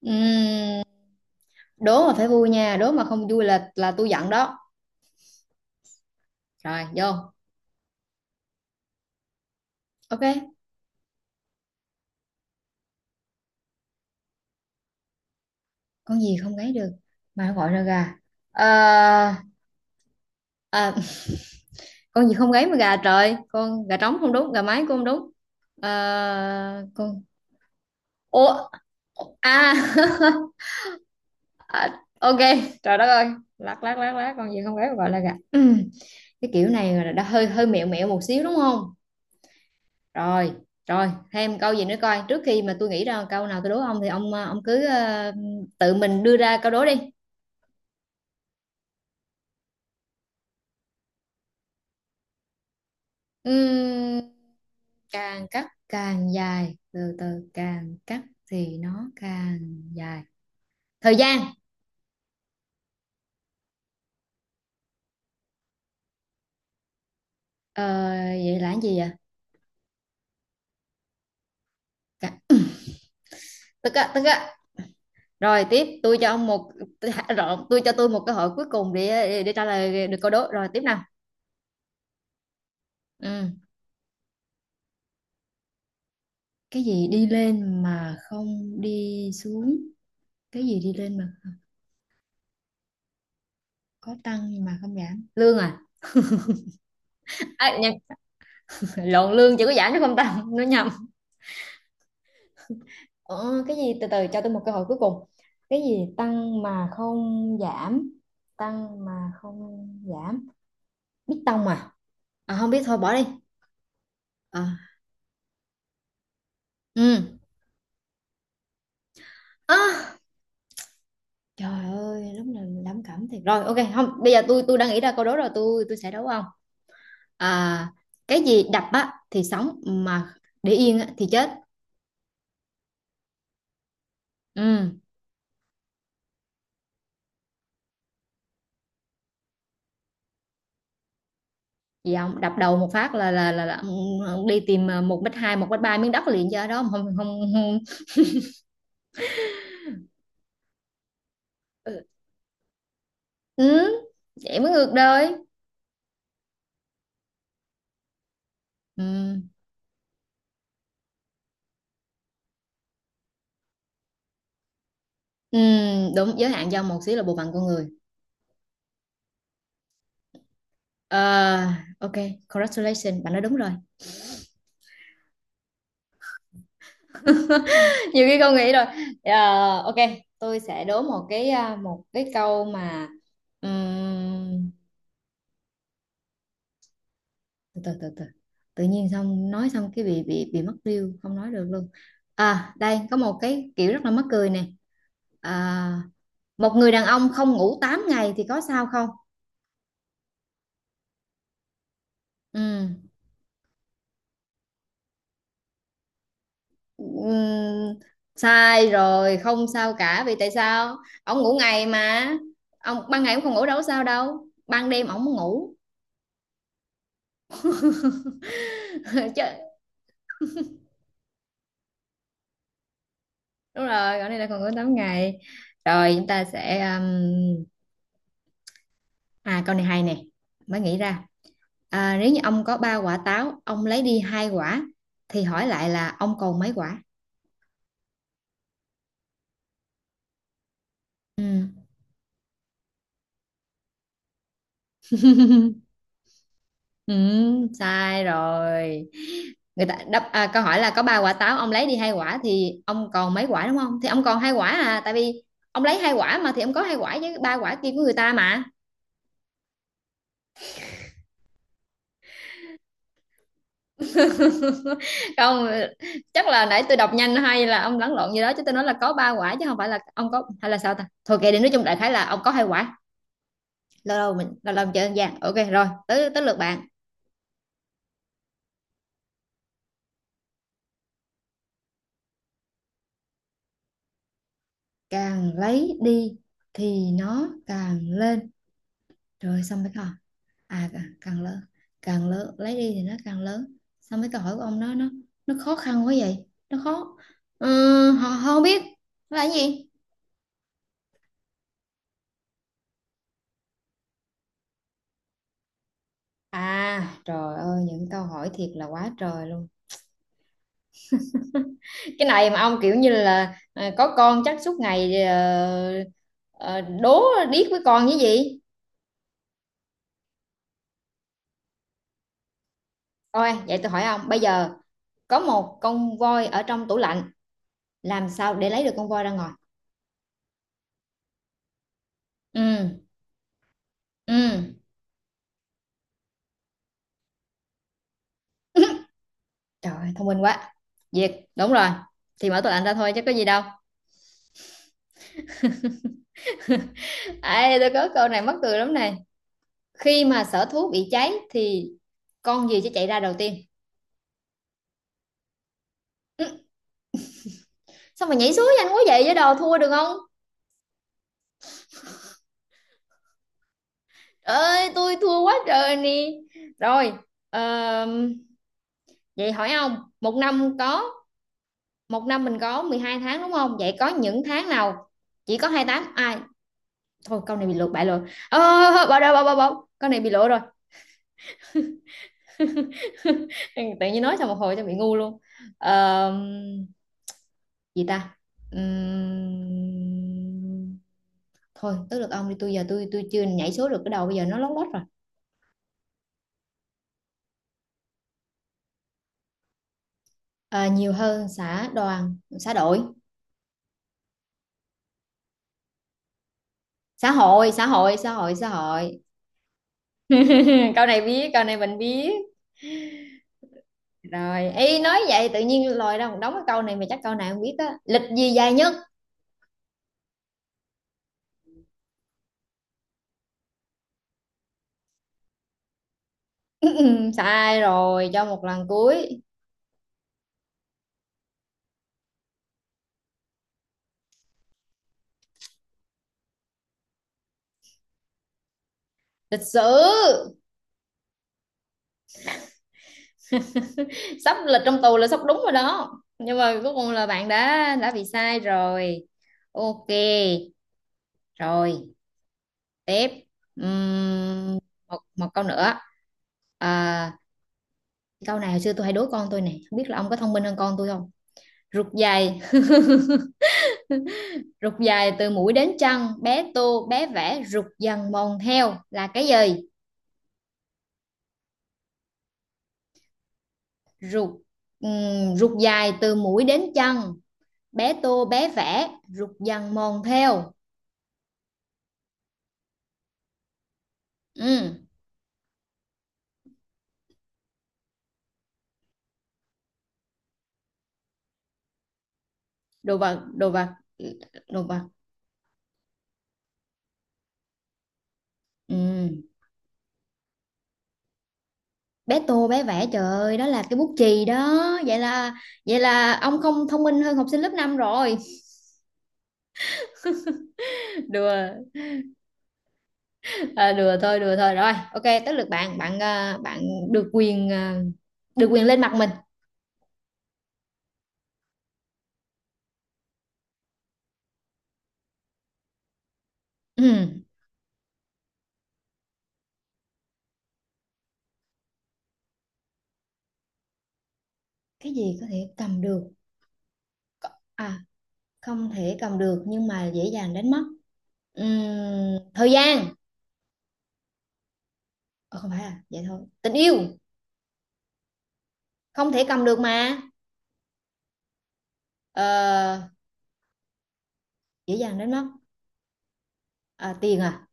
Ừm, Đố mà phải vui nha, đố mà không vui là tôi giận đó. Rồi vô. OK, con gì không gáy được mà nó gọi là gà? Ờ, À, con gì không gáy mà gà trời? Con gà trống không đúng, gà mái cũng không đúng. Con... Ô. À, à, OK. Trời đất ơi. Lát lát lát lát con gì không gáy mà gọi là gà? Cái kiểu này là đã hơi hơi mẹo mẹo một xíu đúng không? Rồi rồi thêm câu gì nữa coi, trước khi mà tôi nghĩ ra câu nào tôi đố ông thì ông ông cứ tự mình đưa ra câu đố đi. Ừm, Càng cắt càng dài, từ từ càng cắt thì nó càng dài. Thời gian. ờ, Vậy là cái gì vậy? Cả- Tức á, tức á. Rồi tiếp, tôi cho ông một rồi tôi cho tôi một cơ hội cuối cùng để trả lời được câu đố. Rồi tiếp nào. Ừ. Cái gì đi lên mà không đi xuống? Cái gì đi lên mà có tăng nhưng mà không giảm? Lương à? à, nhầm, Lộn, lương chỉ có giảm chứ không tăng, nó nhầm. Ờ, cái gì? Từ từ cho tôi một cơ hội cuối cùng. Cái gì tăng mà không giảm? Tăng mà không giảm, biết tông mà. À, không biết, thôi bỏ đi. Ờ. Ừ. Ơ, trời ơi lúc nào mình lắm cảm thiệt rồi. OK, không, bây giờ tôi đang nghĩ ra câu đố rồi, tôi sẽ đấu không. À, cái gì đập á thì sống, mà để yên á thì chết? Ừ. Gì không đập đầu một phát là đi tìm, à, một mét hai một mét ba miếng đất liền cho đó. Không, không, không. Ừ. Ừ, vậy mới ngược đời. Ừ. Ừ, đúng giới hạn do một xíu là bộ phận của người. Ờ, OK, congratulations bạn nói đúng rồi. Nhiều khi con nghĩ rồi. Ờ, OK, tôi sẽ đố một cái, à, một cái câu mà ừm, từ từ từ từ tự nhiên xong nói xong cái bị mất điêu không nói được luôn. À đây có một cái kiểu rất là mắc cười nè. À, một người đàn ông không ngủ 8 ngày thì có sao không? Ừ. Ừm, Sai rồi, không sao cả. Vì tại sao? Ông ngủ ngày mà, ông ban ngày ông không ngủ đâu có sao đâu, ban đêm ông muốn ngủ. Chứ đúng rồi, gọi này là còn ngủ 8 ngày. Rồi chúng ta sẽ À câu này hay nè, mới nghĩ ra. À, nếu như ông có ba quả táo, ông lấy đi hai quả, thì hỏi lại là ông còn mấy quả? Ừ. Ừ, sai rồi. Người ta đáp, à, câu hỏi là có ba quả táo, ông lấy đi hai quả thì ông còn mấy quả đúng không? Thì ông còn hai quả, à, tại vì ông lấy hai quả mà, thì ông có hai quả với ba quả kia của người ta mà. Không, chắc là nãy tôi đọc nhanh hay là ông lẫn lộn gì đó, chứ tôi nói là có ba quả chứ không phải là ông có, hay là sao ta? Thôi kệ đi, nói chung đại khái là ông có hai quả. Lâu lâu mình chơi đơn giản, OK, rồi tới tới lượt bạn. Càng lấy đi thì nó càng lên, rồi xong mấy câu. À càng lớn. Càng lớn, lấy đi thì nó càng lớn. Xong mấy câu hỏi của ông nó khó khăn quá vậy, nó khó. Ừ, họ họ không biết nó là cái gì. À trời ơi, những câu hỏi thiệt là quá trời luôn. Cái này mà ông kiểu như là, à, có con chắc suốt ngày đố điếc với con như gì. Thôi vậy tôi hỏi ông bây giờ, có một con voi ở trong tủ lạnh, làm sao để lấy được con voi ra ngoài? Ừ. Ừ. Trời ơi, thông minh quá, Việt đúng rồi. Thì mở tủ lạnh ra thôi chứ có gì đâu. Ê, tôi có câu này mắc cười lắm này, khi mà sở thú bị cháy thì con gì sẽ chạy ra đầu tiên? Sao mà nhảy xuống nhanh quá vậy, với đồ thua được không? Trời ơi tôi thua quá trời nè. Rồi. ờm, Vậy hỏi ông một năm có... Một năm mình có 12 tháng đúng không, vậy có những tháng nào chỉ có 28? À thôi câu này bị lột bại rồi. Bỏ đâu, bỏ bỏ bỏ câu này bị lỗi rồi. Tự nhiên nói xong một hồi cho bị ngu luôn. Ờ, gì ta? Ừm, Thôi tới lượt ông đi, tôi giờ tôi chưa nhảy số được, cái đầu bây giờ nó lót lót rồi. Ờ, nhiều hơn xã đoàn, xã đội? Xã hội, xã hội. Câu này biết, câu này mình biết rồi, ý nói vậy. Tự nhiên lòi ra một đống, cái câu này mà chắc câu này không biết á. Lịch gì dài nhất? Sai rồi, cho một lần cuối. Lịch sử. Sắp, lịch trong tù là sắp đúng rồi đó, nhưng mà cuối cùng là bạn đã bị sai rồi. OK rồi tiếp. Ừm, một một câu nữa. À, câu này hồi xưa tôi hay đố con tôi này, không biết là ông có thông minh hơn con tôi không. Rụt dài. Rụt dài từ mũi đến chân, bé tô bé vẽ rụt dần mòn theo là cái gì? Rụt, rụt dài từ mũi đến chân, bé tô bé vẽ rụt dần mòn theo. Ừm. Đồ vật, đồ vật. Ừ. Bé tô bé vẽ, trời ơi, đó là cái bút chì đó. Vậy là vậy là ông không thông minh hơn học sinh lớp 5 rồi. Đùa. À, đùa thôi, đùa thôi, rồi OK, tới lượt bạn. Bạn, à, bạn được quyền, à, được quyền lên mặt mình. Ừ. Cái gì có thể cầm được? À, không thể cầm được nhưng mà dễ dàng đánh mất. Thời gian. Ờ, không phải à, vậy thôi, tình yêu. Không thể cầm được mà. Ờ, dễ dàng đánh mất. À, tiền à?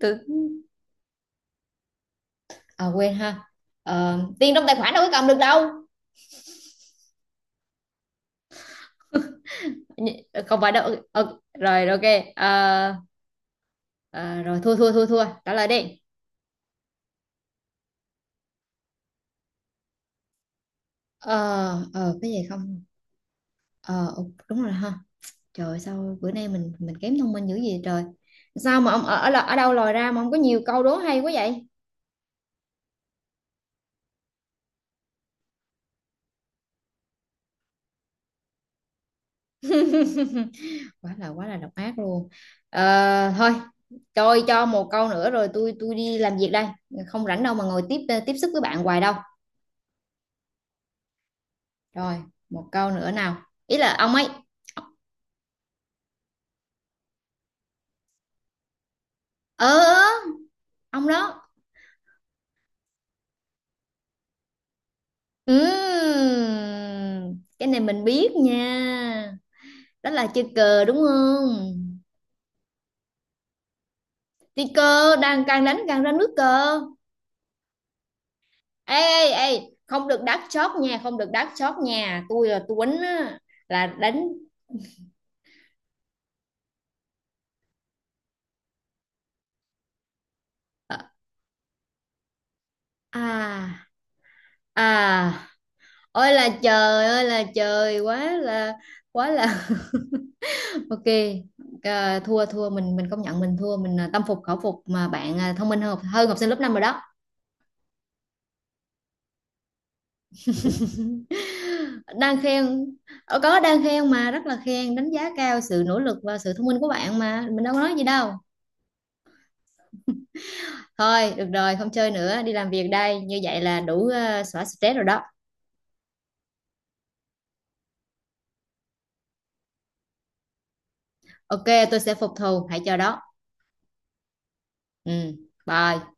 Tôi... à quên ha. Ờ, tiền trong tài khoản đâu có cầm được đâu. Nh- Không phải đâu. Ờ, rồi rồi, OK. Ờ, ờ, rồi, thua thua thua thua trả lời đi. Ờ. Ờ, cái gì không. Ờ OK, đúng rồi ha. Trời ơi, sao bữa nay mình kém thông minh dữ gì trời. Sao mà ông ở ở, ở đâu lòi ra mà ông có nhiều câu đố hay quá vậy? Quá là độc ác luôn. Ờ, thôi, tôi cho một câu nữa rồi tôi đi làm việc đây. Không rảnh đâu mà ngồi tiếp tiếp sức với bạn hoài đâu. Rồi, một câu nữa nào. Ý là ông ấy. Ờ, ông đó. Ừm, cái này mình biết nha. Đó là chơi cờ đúng không? Đi cờ, đang càng đánh càng ra nước cờ. Ê, ê, ê, không được đắt chót nha, không được đắt chót nha. Tôi là tôi đánh á, là đánh... Ờ. À, à, ôi là trời ơi là trời, quá là... OK, à, thua thua mình công nhận mình thua, mình, à, tâm phục khẩu phục mà bạn, à, thông minh hơn hơn học sinh lớp 5 rồi đó. Đang khen, ờ, có đang khen mà, rất là khen, đánh giá cao sự nỗ lực và sự thông minh của bạn mà mình đâu có nói gì đâu. Thôi được rồi không chơi nữa, đi làm việc đây, như vậy là đủ, à, xóa stress rồi đó. OK, tôi sẽ phục thù, hãy chờ đó. Ừ, bye.